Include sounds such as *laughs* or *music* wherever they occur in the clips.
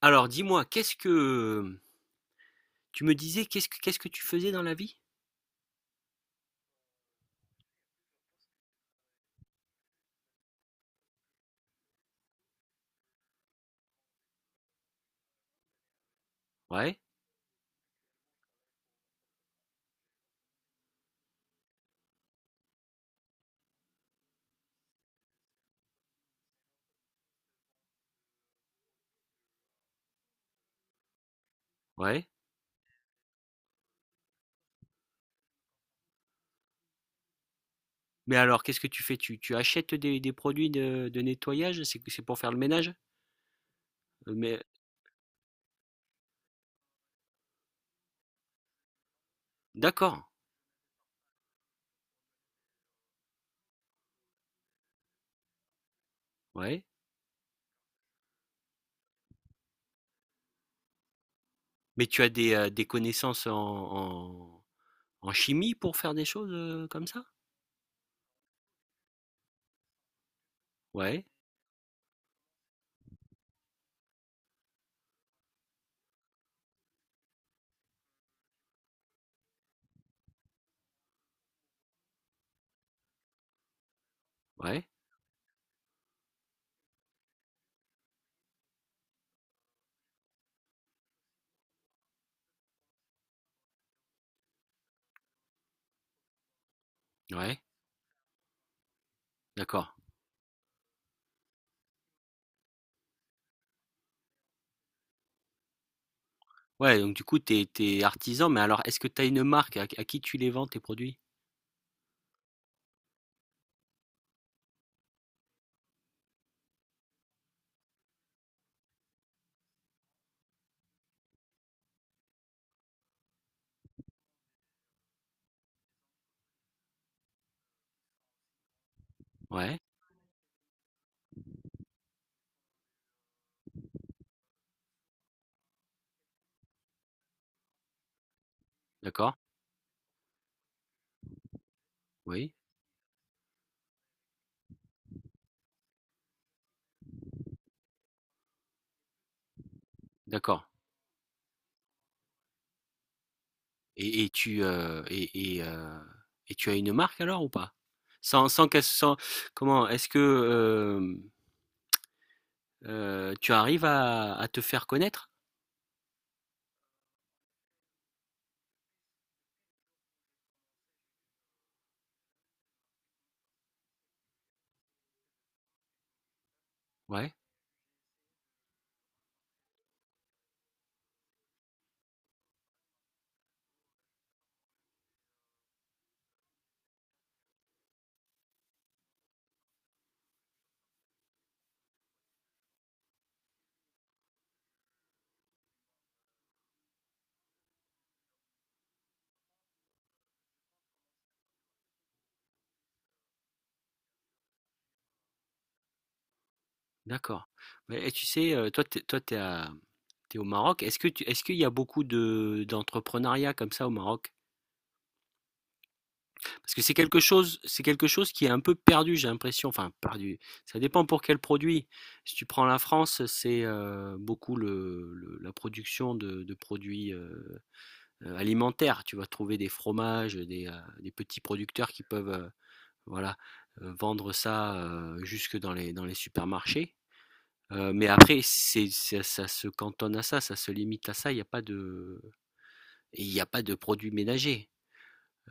Alors dis-moi, qu'est-ce que tu me disais, qu'est-ce que tu faisais dans la vie? Ouais, ouais. Mais alors, qu'est-ce que tu fais? Tu achètes des produits de nettoyage? C'est pour faire le ménage? Mais d'accord, ouais. Mais tu as des connaissances en chimie pour faire des choses comme ça? Ouais, ouais, ouais. D'accord. Ouais, donc du coup, t'es artisan, mais alors, est-ce que tu as une marque? À qui tu les vends, tes produits? Ouais, d'accord, oui, d'accord. Et et tu, heu et et heu et tu as une marque alors ou pas? Sans sans qu'elle sans Comment? Est-ce que, tu arrives à te faire connaître? Ouais, d'accord. Mais et tu sais, toi, t'es à tu au Maroc. Est-ce que tu est-ce qu'il y a beaucoup de d'entrepreneuriat comme ça au Maroc? Parce que c'est quelque chose qui est un peu perdu, j'ai l'impression. Enfin perdu, ça dépend pour quel produit. Si tu prends la France, c'est, beaucoup le la production de produits, alimentaire. Tu vas trouver des fromages, des petits producteurs qui peuvent voilà, vendre ça jusque dans les supermarchés. Mais après, ça se cantonne à ça, ça se limite à ça. Il n'y a pas de, il n'y a pas de produits ménagers.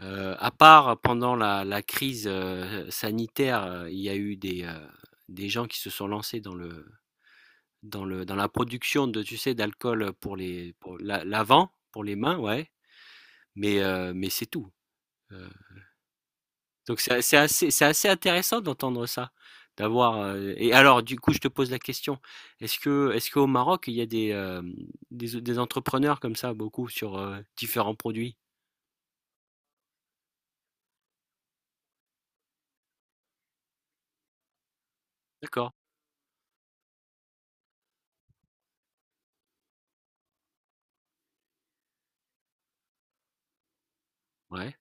À part pendant la crise sanitaire, il y a eu des gens qui se sont lancés dans la production tu sais, d'alcool pour l'avant, pour les mains, ouais. Mais c'est tout. Euh, Donc c'est assez intéressant d'entendre ça, d'avoir. Et alors, du coup, je te pose la question, est-ce qu'au Maroc, il y a des entrepreneurs comme ça, beaucoup sur différents produits? D'accord. Ouais,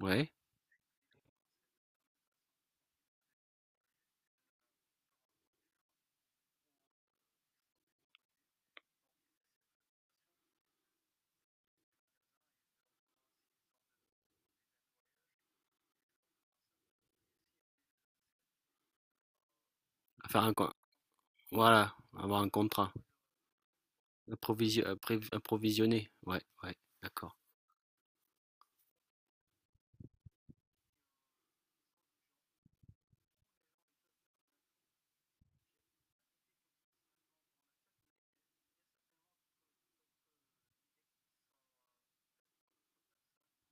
ouais. Faire un, co- voilà, avoir un contrat, approvisionner. Ouais, ouais, d'accord.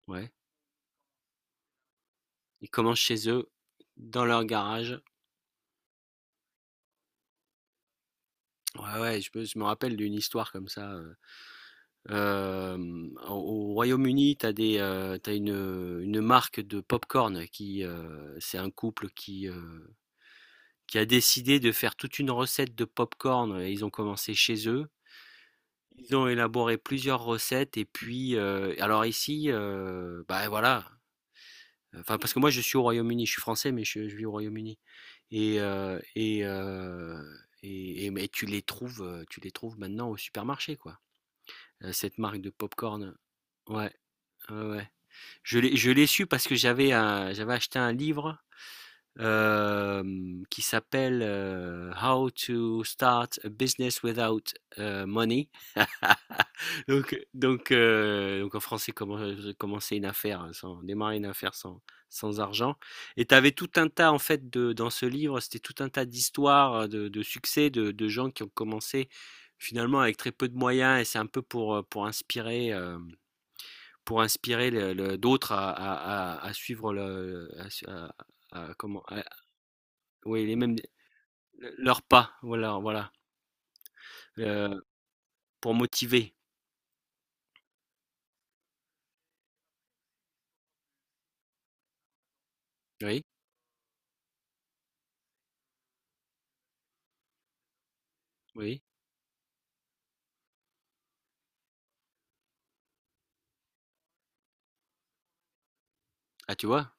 Ouais. Ils commencent chez eux, dans leur garage. Ouais, ouais, je me rappelle d'une histoire comme ça. Hem, au au Royaume-Uni, tu as des, tu une marque de pop-corn c'est un couple qui a décidé de faire toute une recette de pop-corn et ils ont commencé chez eux. Ils ont élaboré plusieurs recettes et puis, alors ici, bah, voilà, enfin, parce que moi je suis au Royaume-Uni, je suis français mais je vis au Royaume-Uni et heu et heu mais tu les trouves maintenant au supermarché, quoi, cette marque de pop-corn. Ouais, ouais, ouais. Je l'ai su parce que j'avais acheté un livre euh, qui s'appelle How to Start a Business Without Money. Donc, donc en français, comment commencer une affaire, hein, sans, démarrer une affaire sans argent. Et tu avais tout un tas, en fait, dans ce livre, c'était tout un tas d'histoires de succès de gens qui ont commencé finalement avec très peu de moyens et c'est un peu pour inspirer le d'autres à suivre le à comment à oui les mêmes leurs pas, voilà, voilà, heu, pour motiver. Oui, oui. Ah tu vois?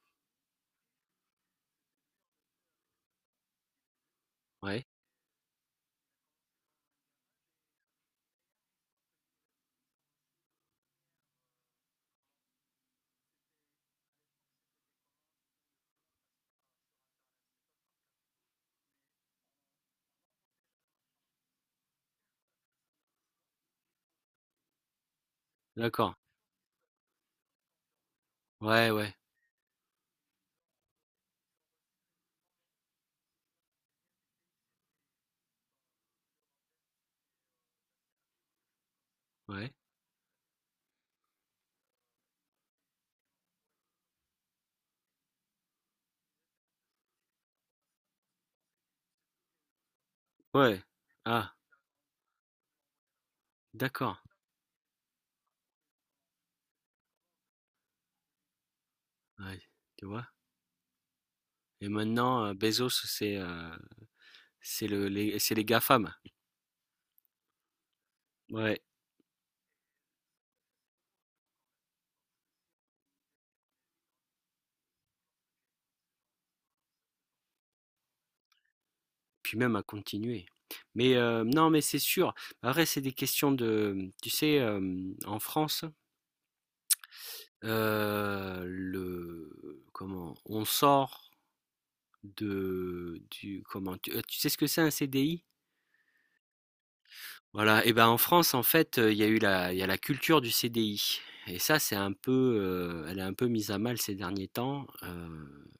Ouais, d'accord. Ouais, ouais, ouais, ouais. Ah d'accord, ouais, tu vois? Et maintenant, Bezos c'est le les c'est les GAFAM. Ouais, puis même à continuer. Mais, non mais c'est sûr. Après c'est des questions tu sais, en France. Le comment? On sort de du comment? Tu sais ce que c'est un CDI? Voilà et ben, en France, en fait, il y a la culture du CDI et ça, c'est un peu, elle est un peu mise à mal ces derniers temps,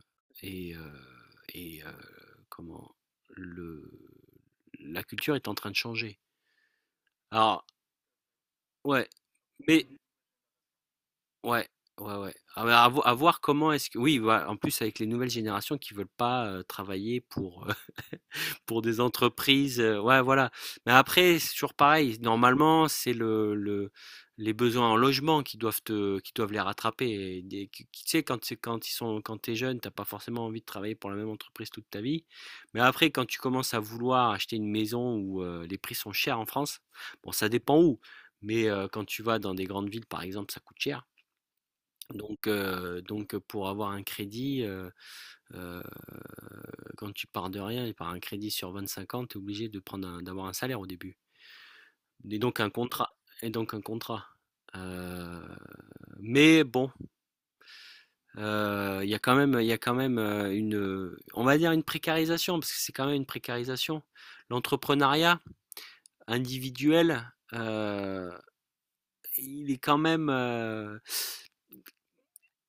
et heu et heu, comment? Le la culture est en train de changer. Alors ouais, mais Ouais, ouais, ouais. Ah bah, à voir comment est-ce que. Oui, voilà, en plus avec les nouvelles générations qui veulent pas travailler *laughs* pour des entreprises. Ouais, voilà. Mais après, c'est toujours pareil. Normalement, c'est les besoins en logement qui doivent qui doivent les rattraper. Tu sais, quand, c'est- quand ils sont, quand t'es jeune, t'as pas forcément envie de travailler pour la même entreprise toute ta vie. Mais après, quand tu commences à vouloir acheter une maison où les prix sont chers en France, bon, ça dépend où. Mais quand tu vas dans des grandes villes, par exemple, ça coûte cher. Donc pour avoir un crédit, heu, quand tu pars de rien et par un crédit sur 25 ans, tu es obligé de prendre un d'avoir un salaire au début et donc un contrat et donc un contrat. Heu, mais bon, il y a quand même il y a quand même, une, on va dire une précarisation parce que c'est quand même une précarisation. L'entrepreneuriat individuel, il est quand même, heu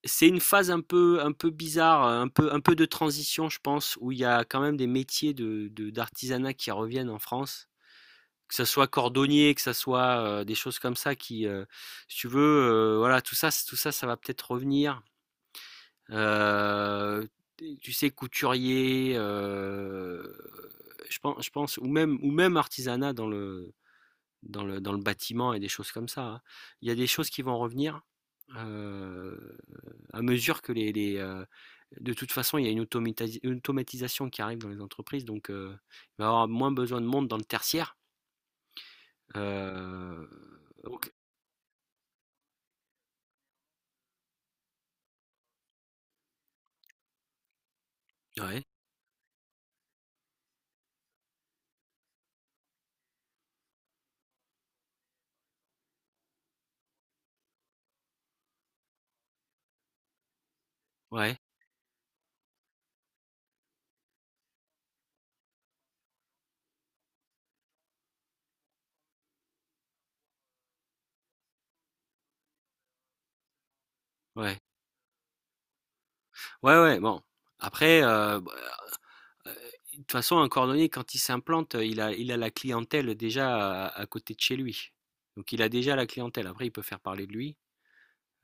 C'est une phase un peu bizarre, un peu de transition, je pense, où il y a quand même des métiers de d'artisanat qui reviennent en France. Que ça soit cordonnier, que ça soit, des choses comme ça qui, si tu veux, voilà, tout ça, ça va peut-être revenir. Heu, Tu sais, couturier, je pense ou même artisanat dans le bâtiment et des choses comme ça. Hein. Il y a des choses qui vont revenir euh, à mesure que de toute façon, il y a une automatisation qui arrive dans les entreprises, donc il va y avoir moins besoin de monde dans le tertiaire. Euh, donc, ouais, ouais, ouais, ouais, ouais, bon. Après, bah, euh, de toute façon, un cordonnier, quand il s'implante, il a la clientèle déjà à côté de chez lui. Donc, il a déjà la clientèle. Après, il peut faire parler de lui.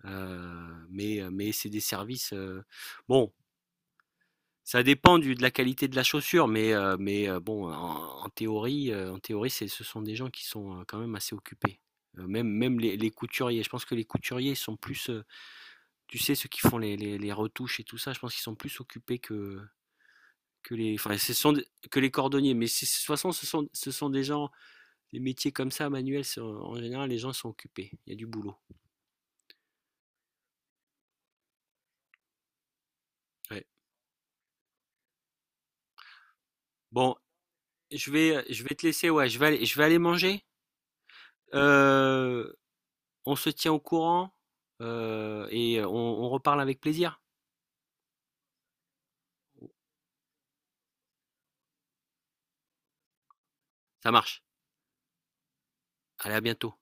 Mais c'est des services, bon, ça dépend du de la qualité de la chaussure, bon, en théorie, en théorie, c'est ce sont des gens qui sont, quand même assez occupés. Même les couturiers, je pense que les couturiers sont plus, tu sais, ceux qui font les retouches et tout ça, je pense qu'ils sont plus occupés que les enfin, ce sont des que les cordonniers, mais c'est de toute façon, ce sont des gens les métiers comme ça manuels, c'est en général, les gens sont occupés, il y a du boulot. Ouais. Bon, je vais te laisser, ouais, je vais aller manger. Euh, on se tient au courant et on reparle avec plaisir. Ça marche. Allez, à bientôt.